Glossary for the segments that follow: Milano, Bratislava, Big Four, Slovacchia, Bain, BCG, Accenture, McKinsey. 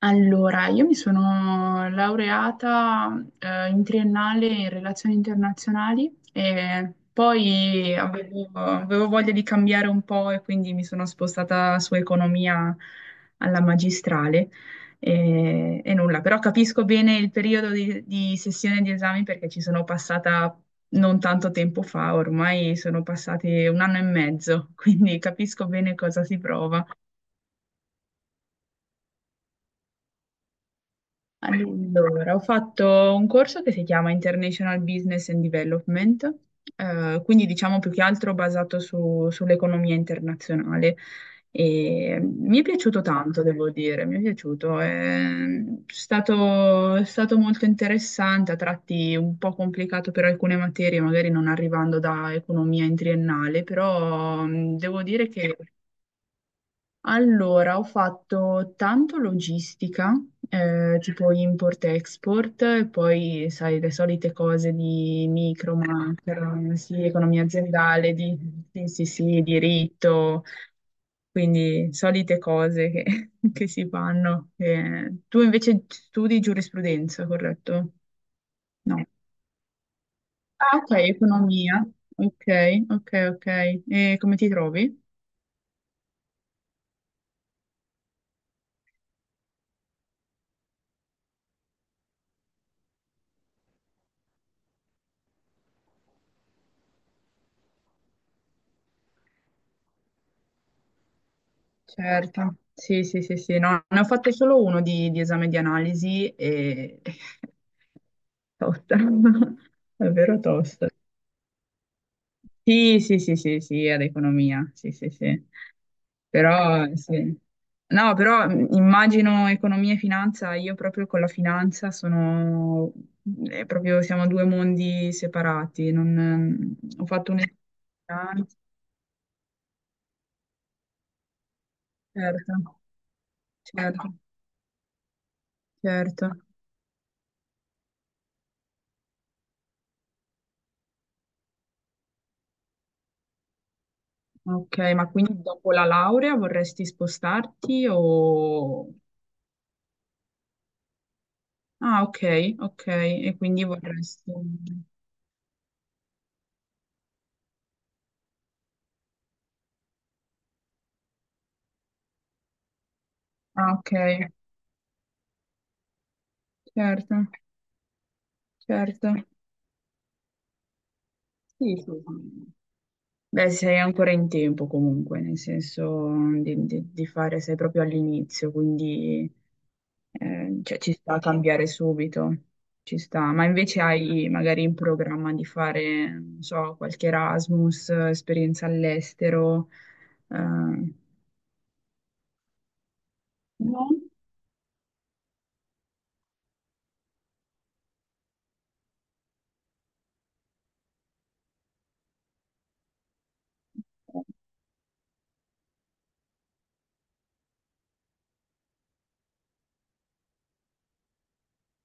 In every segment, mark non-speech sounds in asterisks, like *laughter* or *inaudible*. Allora, io mi sono laureata in triennale in relazioni internazionali e poi avevo voglia di cambiare un po' e quindi mi sono spostata su economia alla magistrale e nulla, però capisco bene il periodo di sessione di esami perché ci sono passata non tanto tempo fa, ormai sono passati un anno e mezzo, *laughs* quindi capisco bene cosa si prova. Allora, ho fatto un corso che si chiama International Business and Development, quindi diciamo più che altro basato sull'economia internazionale. E mi è piaciuto tanto, devo dire, mi è piaciuto. È stato molto interessante, a tratti un po' complicato per alcune materie, magari non arrivando da economia in triennale, però devo dire che. Allora, ho fatto tanto logistica, tipo import-export, e poi, sai, le solite cose di micro, macro, sì, economia aziendale, sì, sì, sì, diritto, quindi solite cose che, *laughs* che si fanno. Tu invece studi giurisprudenza, corretto? No. Ah, ok, economia. Ok, ok, ok. E come ti trovi? Certo, sì, sì, sì, sì, no, ne ho fatte solo uno di esame di analisi e *laughs* tosta, *laughs* davvero tosta. Sì, sì, sì, sì, sì, ad economia, sì, sì, sì, però sì. No, però immagino economia e finanza, io proprio con la finanza sono, è proprio, siamo due mondi separati, non, ho fatto un esame. Certo, certo, certo. Ok, ma quindi dopo la laurea vorresti spostarti o. Ah, ok, ok, e quindi vorresti. Ah, ok, certo, certo. Sì, sì, sì. Beh, sei ancora in tempo comunque, nel senso di fare, sei proprio all'inizio, quindi cioè, ci sta a cambiare subito, ci sta. Ma invece hai magari in programma di fare, non so, qualche Erasmus, esperienza all'estero? eh, No? Ok.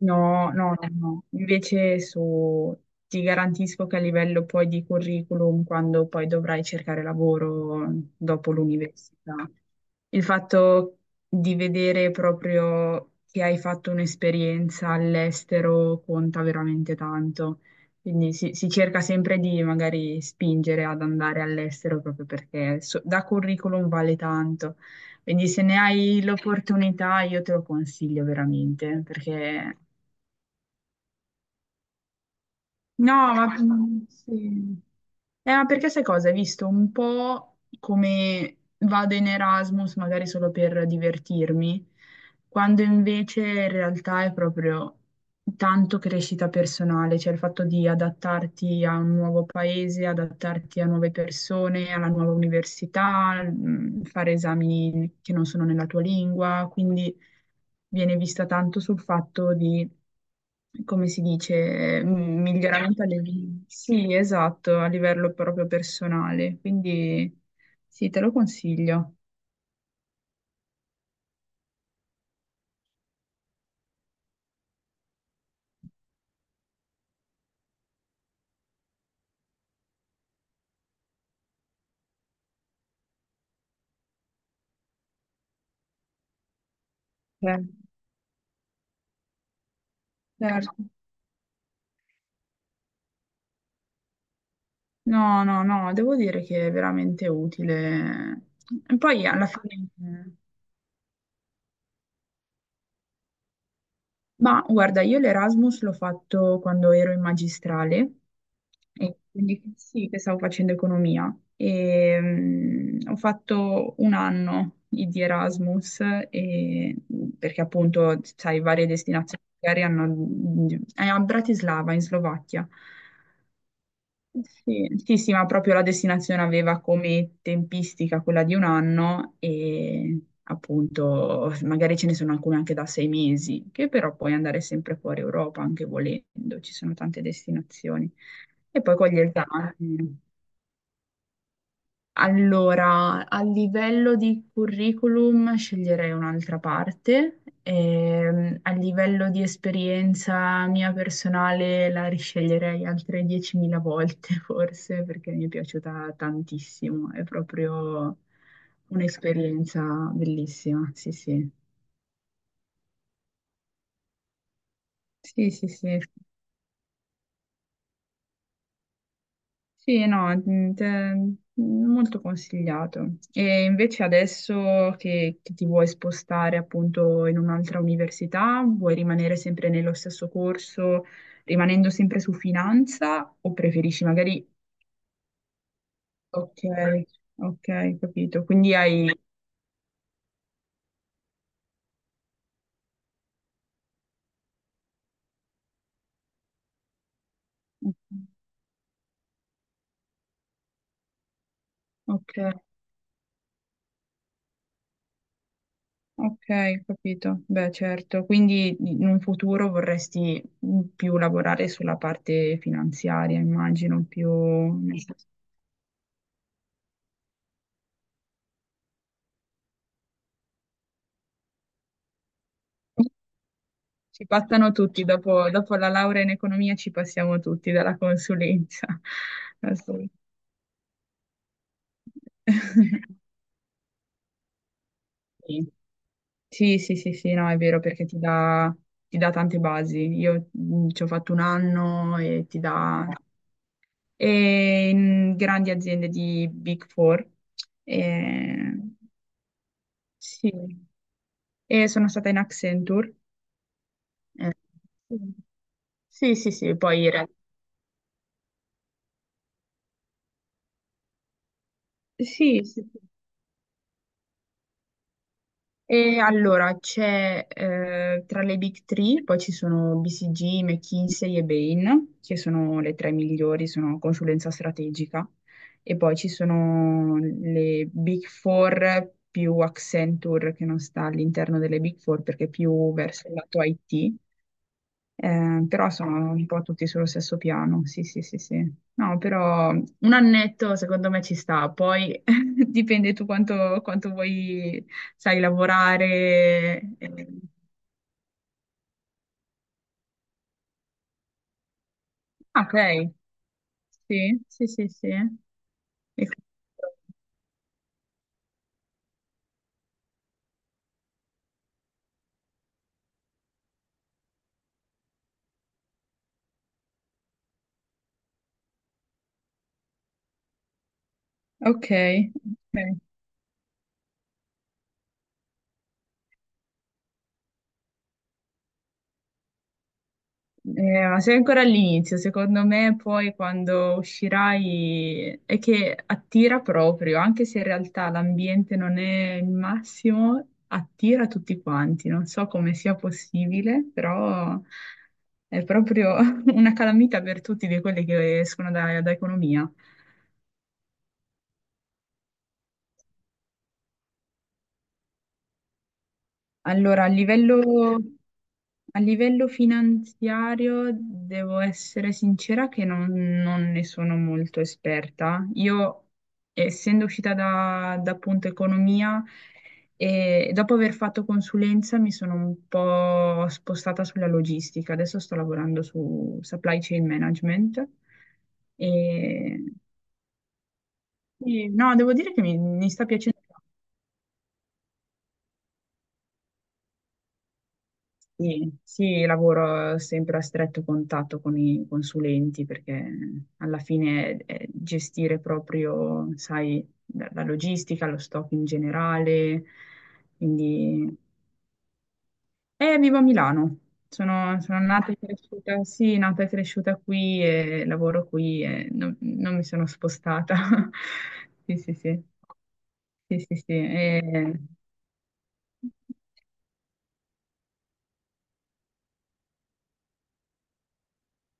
No, no, no, no. Invece ti garantisco che a livello poi di curriculum, quando poi dovrai cercare lavoro dopo l'università, il fatto di vedere proprio che hai fatto un'esperienza all'estero conta veramente tanto. Quindi si cerca sempre di magari spingere ad andare all'estero proprio perché da curriculum vale tanto. Quindi se ne hai l'opportunità io te lo consiglio veramente perché. No, ma sì. Ma perché sai cosa? Hai visto un po' come vado in Erasmus, magari solo per divertirmi, quando invece in realtà è proprio tanto crescita personale, cioè il fatto di adattarti a un nuovo paese, adattarti a nuove persone, alla nuova università, fare esami che non sono nella tua lingua, quindi viene vista tanto sul fatto di come si dice, miglioramento a livello, sì, esatto, a livello proprio personale. Quindi sì, te lo consiglio. Eh, certo. No, no, no, devo dire che è veramente utile. E poi alla fine. Ma guarda, io l'Erasmus l'ho fatto quando ero in magistrale, e quindi sì, che stavo facendo economia. E ho fatto un anno di Erasmus, e- perché appunto, sai, varie destinazioni magari hanno. È a Bratislava, in Slovacchia. Sì, sì, sì, ma proprio la destinazione aveva come tempistica quella di un anno e appunto magari ce ne sono alcune anche da 6 mesi, che però puoi andare sempre fuori Europa anche volendo, ci sono tante destinazioni. E poi con gli esami. Allora, a livello di curriculum sceglierei un'altra parte, a livello di esperienza mia personale la risceglierei altre 10.000 volte *laughs* forse perché mi è piaciuta tantissimo, è proprio un'esperienza bellissima, sì sì. Sì, sì, sì. Sì, no, molto consigliato. E invece adesso che ti vuoi spostare appunto in un'altra università, vuoi rimanere sempre nello stesso corso, rimanendo sempre su finanza o preferisci magari. Ok, ok, capito. Quindi hai. Ok, ok, capito. Beh, certo. Quindi in un futuro vorresti più lavorare sulla parte finanziaria, immagino, più. Ci passano tutti, dopo la laurea in economia ci passiamo tutti dalla consulenza. *laughs* Assolutamente. *laughs* Sì, sì, sì, sì, sì, no, è vero perché ti dà tante basi. Io ci ho fatto un anno e ti dà. E in grandi aziende di Big Four. E, sì, e sono stata in Accenture. Eh, sì, sì, sì, poi in realtà. Sì, sì. Sì. E allora c'è tra le Big Three, poi ci sono BCG, McKinsey e Bain, che sono le tre migliori, sono consulenza strategica, e poi ci sono le Big Four più Accenture che non sta all'interno delle Big Four perché è più verso il lato IT, però sono un po' tutti sullo stesso piano, sì, sì, sì, sì. No, però un annetto secondo me ci sta, poi *laughs* dipende tu quanto vuoi, sai, lavorare. Ah, ok, sì, sì, sì, sì. Ok, ok. Ma sei ancora all'inizio, secondo me poi quando uscirai è che attira proprio, anche se in realtà l'ambiente non è il massimo, attira tutti quanti. Non so come sia possibile, però è proprio *laughs* una calamita per tutti di quelli che escono da economia. Allora, a livello finanziario devo essere sincera che non ne sono molto esperta. Io, essendo uscita da appunto economia, e dopo aver fatto consulenza mi sono un po' spostata sulla logistica. Adesso sto lavorando su supply chain management. E, e no, devo dire che mi sta piacendo. Sì, sì, lavoro sempre a stretto contatto con i consulenti perché alla fine è gestire proprio, sai, la logistica, lo stock in generale. Quindi, vivo a Milano. Sono nata e cresciuta, sì, nata e cresciuta qui e lavoro qui e non mi sono spostata. *laughs* Sì, sì, sì. Sì, sì, sì.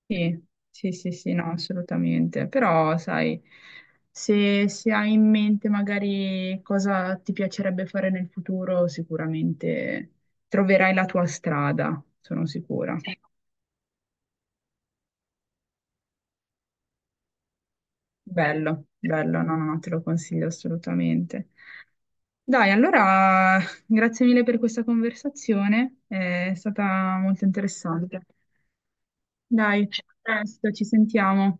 Sì, sì, sì, sì, no, assolutamente. Però, sai, se hai in mente magari cosa ti piacerebbe fare nel futuro, sicuramente troverai la tua strada, sono sicura. Bello, bello, no, no, no, te lo consiglio assolutamente. Dai, allora, grazie mille per questa conversazione, è stata molto interessante. Dai, a presto, ci sentiamo.